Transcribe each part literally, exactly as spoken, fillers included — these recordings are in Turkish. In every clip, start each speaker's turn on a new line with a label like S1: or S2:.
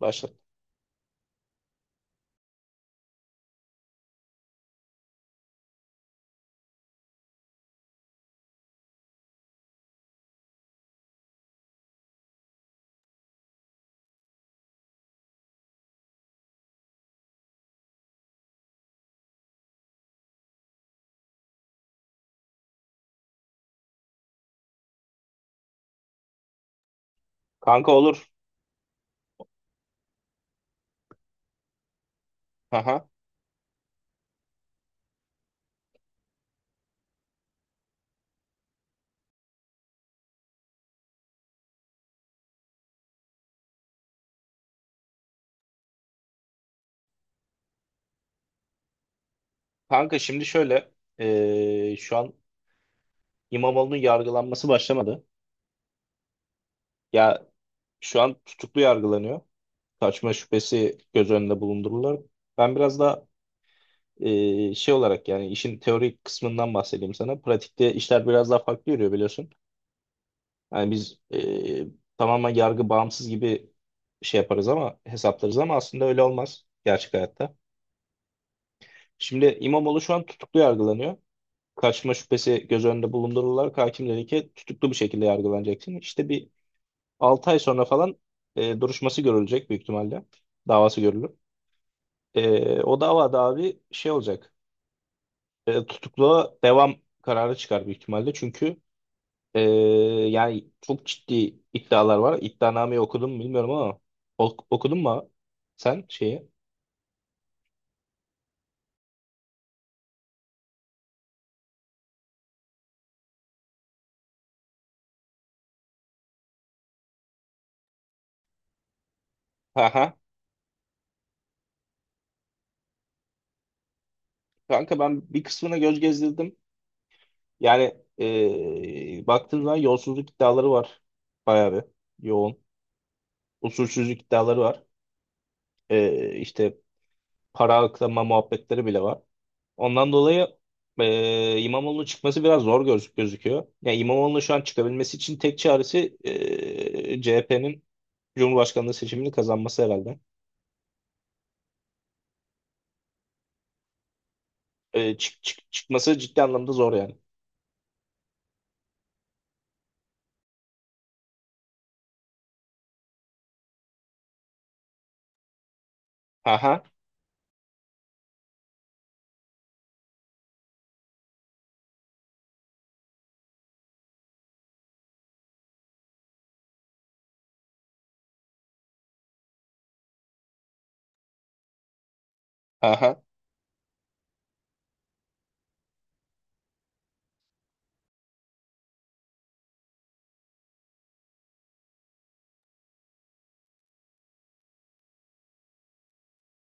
S1: Başla. Kanka olur. Aha. Kanka şimdi şöyle eee, şu an İmamoğlu'nun yargılanması başlamadı. Ya şu an tutuklu yargılanıyor. Kaçma şüphesi göz önünde bulundurulur. Ben biraz daha eee, şey olarak yani işin teorik kısmından bahsedeyim sana. Pratikte işler biraz daha farklı yürüyor biliyorsun. Yani biz eee, tamamen yargı bağımsız gibi şey yaparız ama hesaplarız ama aslında öyle olmaz gerçek hayatta. Şimdi İmamoğlu şu an tutuklu yargılanıyor. Kaçma şüphesi göz önünde bulundurularak hakim dedi ki tutuklu bir şekilde yargılanacaksın. İşte bir altı ay sonra falan e, duruşması görülecek büyük ihtimalle. Davası görülür. E, o davada abi şey olacak. E, tutukluğa devam kararı çıkar büyük ihtimalle. Çünkü e, yani çok ciddi iddialar var. İddianameyi okudun mu bilmiyorum ama ok- okudun mu sen şeyi? Aha. Kanka ben bir kısmına göz gezdirdim. Yani e, baktığın zaman yolsuzluk iddiaları var. Bayağı bir yoğun. Usulsüzlük iddiaları var. E, işte para aklama muhabbetleri bile var. Ondan dolayı e, İmamoğlu'nun çıkması biraz zor göz, gözüküyor. Yani İmamoğlu'nun şu an çıkabilmesi için tek çaresi e, C H P'nin Cumhurbaşkanlığı seçimini kazanması herhalde. E, çık, çık, çıkması ciddi anlamda zor yani. Aha, aha,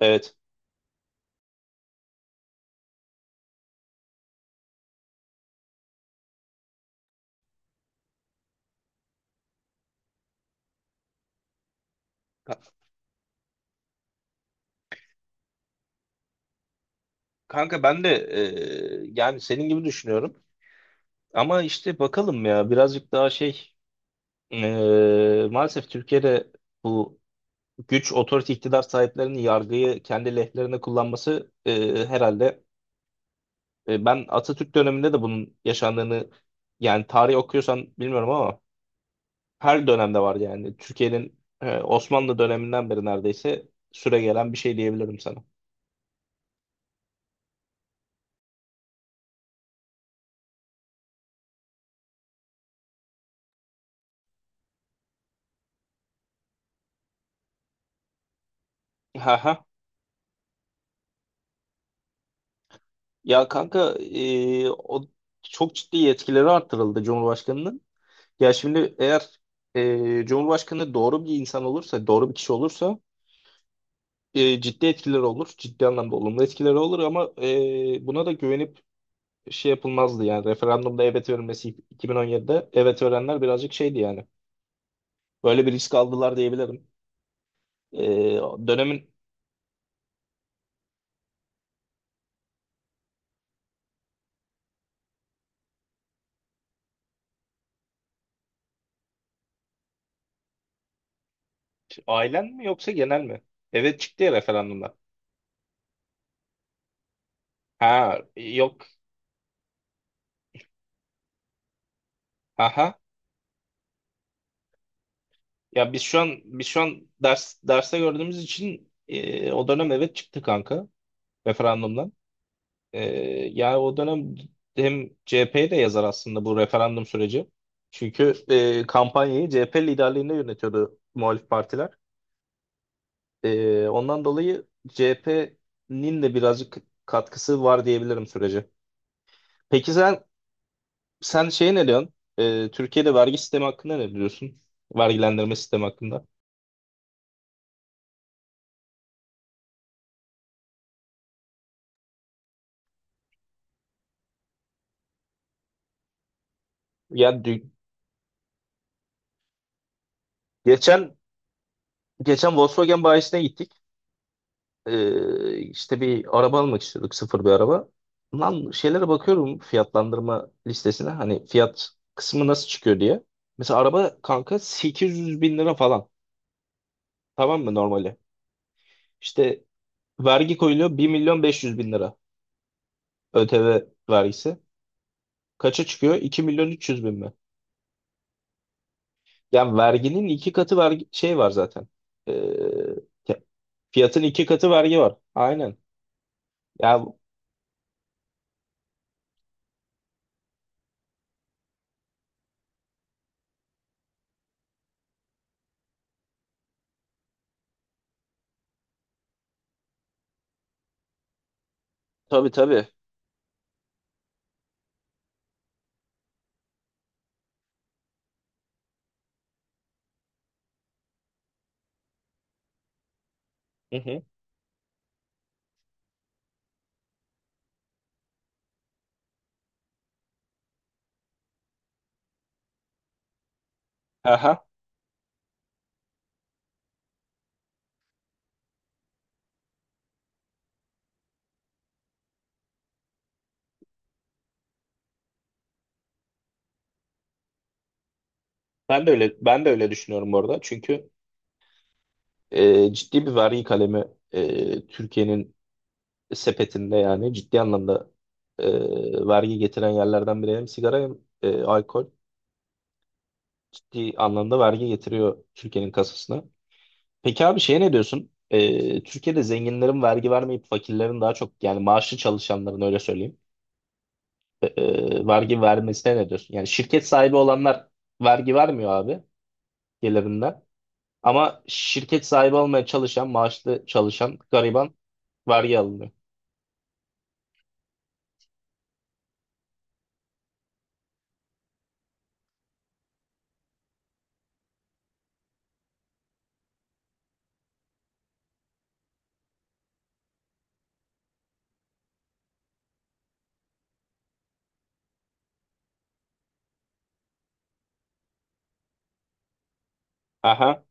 S1: evet. Ka- Kanka ben de e, yani senin gibi düşünüyorum. Ama işte bakalım ya birazcık daha şey eee, maalesef Türkiye'de bu güç otorite iktidar sahiplerinin yargıyı kendi lehlerine kullanması eee, herhalde e, ben Atatürk döneminde de bunun yaşandığını yani tarih okuyorsan bilmiyorum ama her dönemde var yani Türkiye'nin e, Osmanlı döneminden beri neredeyse süregelen bir şey diyebilirim sana. Ha ha. Ya kanka e, o çok ciddi yetkileri arttırıldı Cumhurbaşkanının. Ya şimdi eğer e, Cumhurbaşkanı doğru bir insan olursa, doğru bir kişi olursa e, ciddi etkileri olur. Ciddi anlamda olumlu etkileri olur ama e, buna da güvenip şey yapılmazdı yani. Referandumda evet verilmesi iki bin on yedide evet verenler birazcık şeydi yani. Böyle bir risk aldılar diyebilirim. E, Dönemin ailen mi yoksa genel mi? Evet çıktı ya referandumda. Ha yok. Aha. Ya biz şu an biz şu an ders derste gördüğümüz için e, o dönem evet çıktı kanka referandumdan. Ee, Yani o dönem hem C H P'ye de yazar aslında bu referandum süreci. Çünkü e, kampanyayı C H P liderliğinde yönetiyordu muhalif partiler. Ee, ondan dolayı C H P'nin de birazcık katkısı var diyebilirim sürece. Peki sen sen şey ne diyorsun? Ee, Türkiye'de vergi sistemi hakkında ne diyorsun? Vergilendirme sistemi hakkında. Ya dü- geçen geçen Volkswagen bayisine gittik. Ee, işte bir araba almak istiyorduk sıfır bir araba. Lan şeylere bakıyorum fiyatlandırma listesine hani fiyat kısmı nasıl çıkıyor diye. Mesela araba kanka sekiz yüz bin lira falan tamam mı normali? İşte vergi koyuluyor bir milyon beş yüz bin lira Ö T V vergisi. Kaça çıkıyor? iki milyon üç yüz bin mi? Yani verginin iki katı vergi şey var zaten. Ee, Fiyatın iki katı vergi var. Aynen. Ya tabii tabii. Hı hı. Aha, Ben de öyle ben de öyle düşünüyorum bu arada. Çünkü e, ciddi bir vergi kalemi e, Türkiye'nin sepetinde yani ciddi anlamda e, vergi getiren yerlerden biri hem sigara hem e, alkol ciddi anlamda vergi getiriyor Türkiye'nin kasasına. Peki abi şeye ne diyorsun? E, Türkiye'de zenginlerin vergi vermeyip fakirlerin daha çok yani maaşlı çalışanların öyle söyleyeyim e, e, vergi vermesine ne diyorsun? Yani şirket sahibi olanlar vergi vermiyor abi gelirinden. Ama şirket sahibi olmaya çalışan, maaşlı çalışan gariban vergi alınıyor. Aha.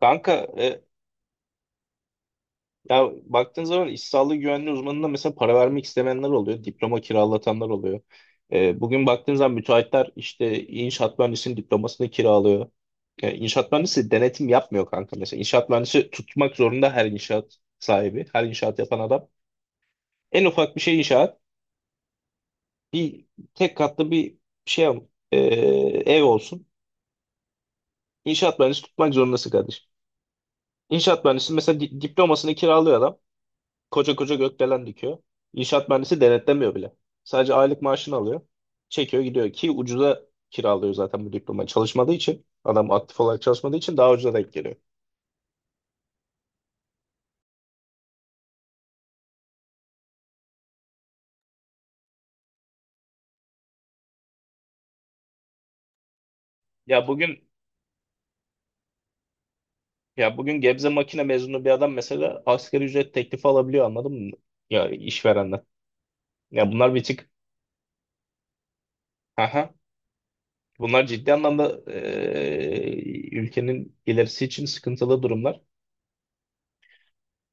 S1: Kanka e, ya baktığın zaman iş sağlığı güvenliği uzmanına mesela para vermek istemeyenler oluyor. Diploma kiralatanlar oluyor. E, bugün baktığın zaman müteahhitler işte inşaat mühendisinin diplomasını kiralıyor. E, inşaat mühendisi denetim yapmıyor kanka mesela. İnşaat mühendisi tutmak zorunda her inşaat sahibi, her inşaat yapan adam. En ufak bir şey inşaat. Bir tek katlı bir şey e, ev olsun. İnşaat mühendisi tutmak zorundasın kardeşim. İnşaat mühendisi mesela di- diplomasını kiralıyor adam. Koca koca gökdelen dikiyor. İnşaat mühendisi denetlemiyor bile. Sadece aylık maaşını alıyor. Çekiyor gidiyor ki ucuza kiralıyor zaten bu diplomayı. Çalışmadığı için adam aktif olarak çalışmadığı için daha ucuza denk geliyor. Ya bugün ya bugün Gebze makine mezunu bir adam mesela asgari ücret teklifi alabiliyor anladın mı? Ya işverenden. Ya bunlar bir tık aha. Bunlar ciddi anlamda eee, ülkenin ilerisi için sıkıntılı durumlar.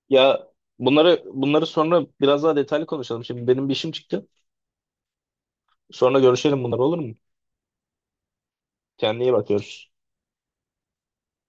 S1: Ya bunları bunları sonra biraz daha detaylı konuşalım. Şimdi benim bir işim çıktı. Sonra görüşelim bunlar olur mu? Kendine iyi bakıyoruz.